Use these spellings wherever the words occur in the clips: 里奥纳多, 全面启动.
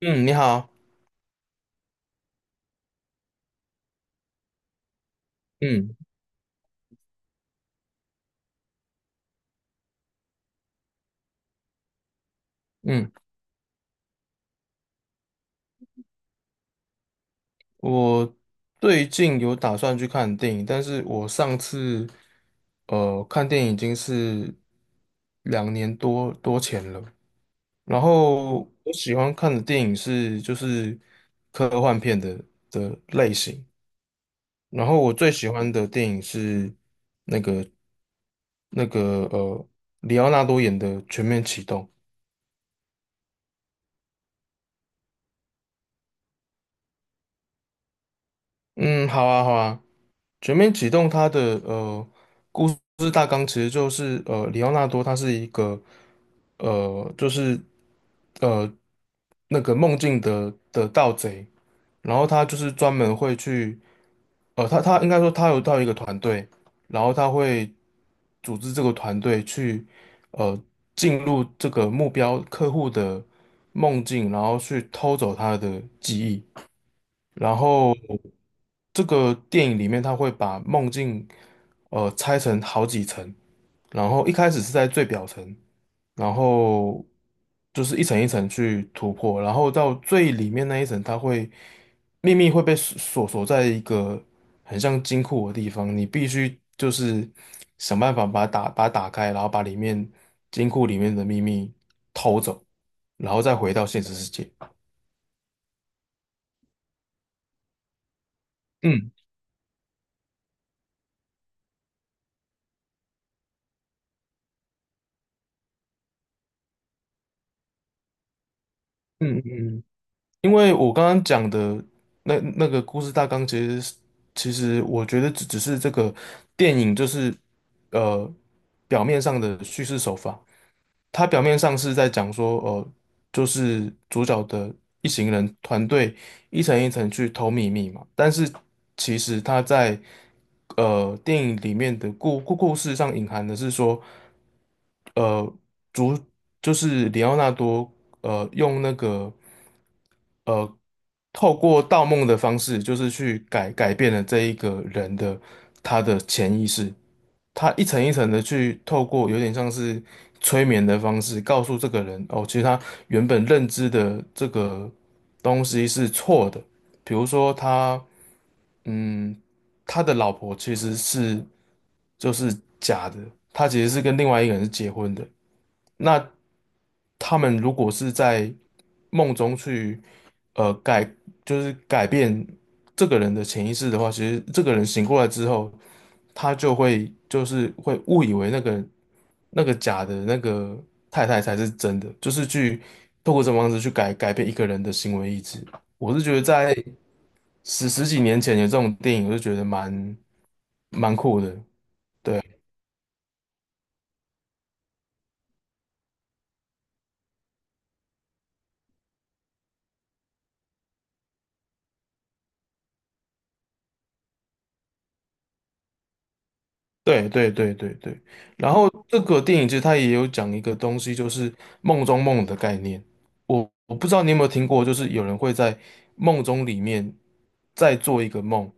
嗯，你好，嗯嗯，我最近有打算去看电影，但是我上次看电影已经是两年多前了。然后我喜欢看的电影就是科幻片的类型，然后我最喜欢的电影是那个里奥纳多演的《全面启动》。嗯，好啊好啊，《全面启动》呃。就是大纲其实就是里奥纳多他是一个就是呃那个梦境的盗贼，然后他就是专门会去他应该说他有到一个团队，然后他会组织这个团队去呃进入这个目标客户的梦境，然后去偷走他的记忆。然后这个电影里面，他会把梦境拆成好几层，然后一开始是在最表层，然后就是一层一层去突破，然后到最里面那一层，秘密会被锁在一个很像金库的地方，你必须就是想办法把它打开，然后把里面金库里面的秘密偷走，然后再回到现实世界。嗯嗯嗯嗯。因为我刚刚讲的那个故事大纲，其实我觉得只是这个电影就是呃表面上的叙事手法，它表面上是在讲说就是主角的一行人团队一层一层去偷秘密嘛，但是其实它在电影里面的故事上隐含的是说呃主就是里奥纳多用那个。呃，透过盗梦的方式，就是去改变了这一个人的他的潜意识，他一层一层的去透过有点像是催眠的方式，告诉这个人哦，其实他原本认知的这个东西是错的，比如说他，嗯，他的老婆其实就是假的，他其实是跟另外一个人是结婚的。那他们如果是在梦中去，呃，改，就是改变这个人的潜意识的话，其实这个人醒过来之后，他就是会误以为那个假的那个太太才是真的，就是去透过这种方式去改变一个人的行为意志。我是觉得在十几年前有这种电影，我就觉得蛮酷的。对对对对对对，然后这个电影其实它也有讲一个东西，就是梦中梦的概念。我不知道你有没有听过，就是有人会在梦中里面再做一个梦，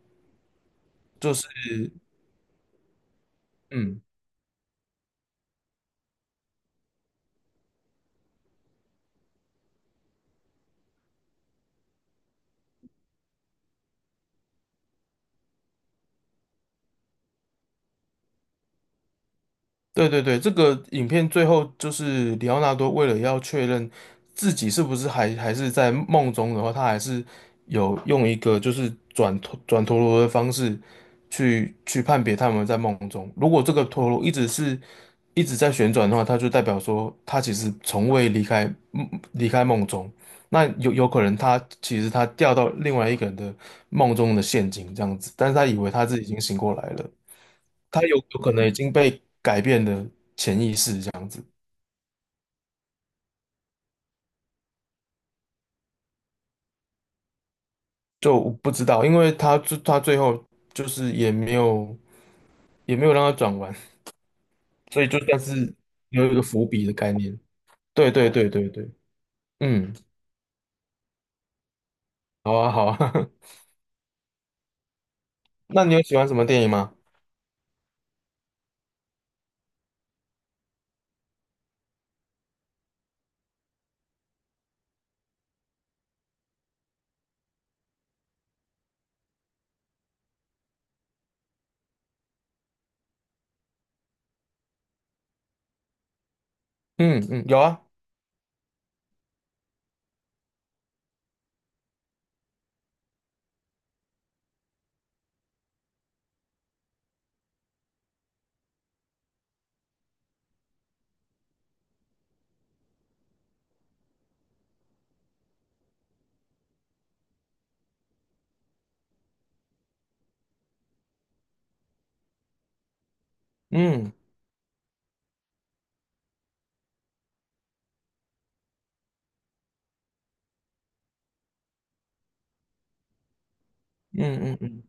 嗯，对对对，这个影片最后就是里奥纳多为了要确认自己是不是还是在梦中的话，他还是有用一个就是转陀螺的方式去判别他们在梦中。如果这个陀螺一直在旋转的话，它就代表说他其实从未离开离开梦中。那有可能他其实他掉到另外一个人的梦中的陷阱这样子，但是他以为他自己已经醒过来了。他有可能已经被改变了。就我不知道，因为他最后就是也没有让他转完，所以就算是有一个伏笔的概念。对对对对对，嗯，好啊好啊，那你有喜欢什么电影吗？嗯嗯，有啊，嗯嗯嗯嗯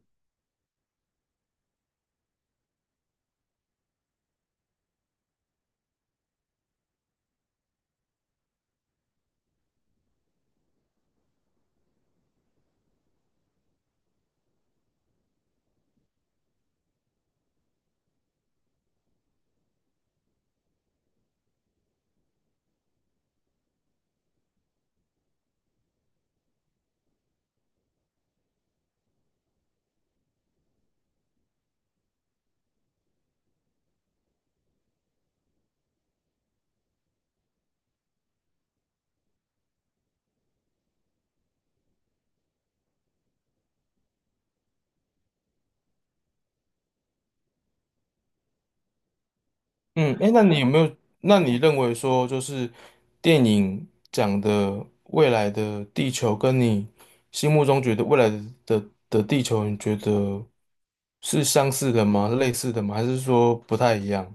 嗯，哎，那你有没有？那你认为说就是电影讲的未来的地球，跟你心目中觉得未来的地球，你觉得是相似的吗？类似的吗？还是说不太一样？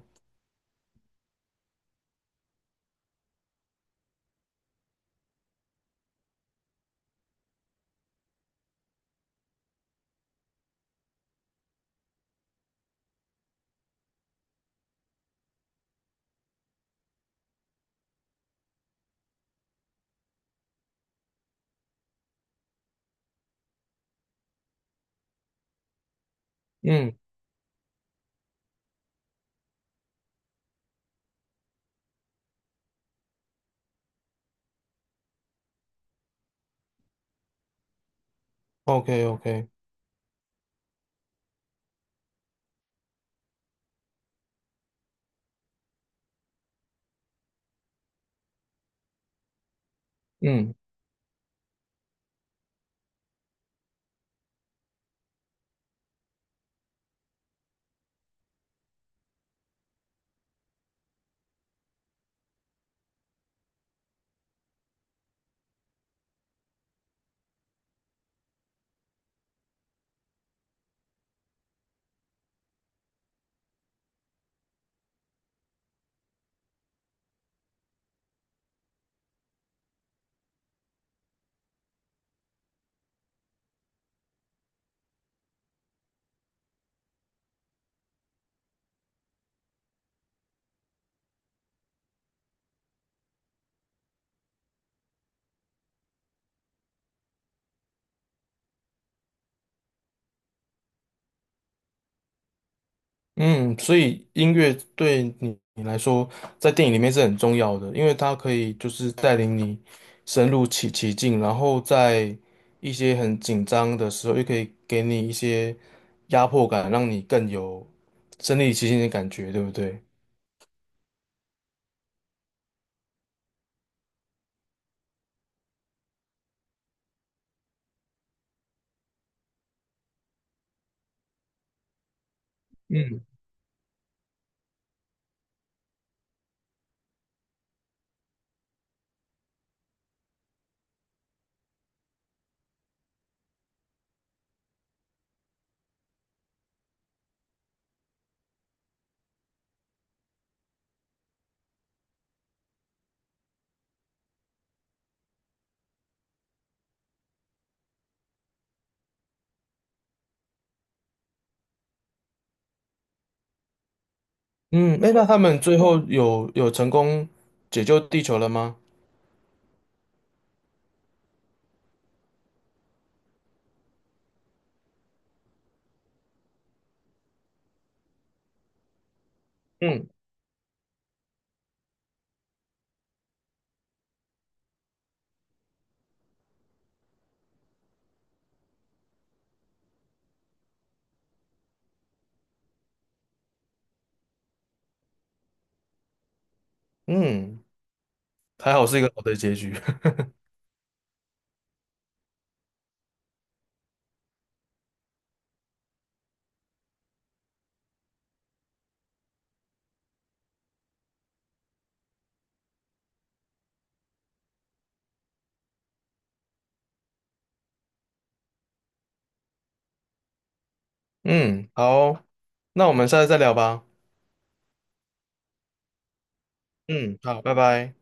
嗯，OK OK，嗯嗯，所以音乐对你来说，在电影里面是很重要的，因为它可以就是带领你深入其境，然后在一些很紧张的时候，又可以给你一些压迫感，让你更有身临其境的感觉，对不对？嗯嗯，哎，那他们最后有成功解救地球了吗？嗯嗯，还好是一个好的结局。嗯，好，那我们下次再聊吧。嗯，好，拜拜。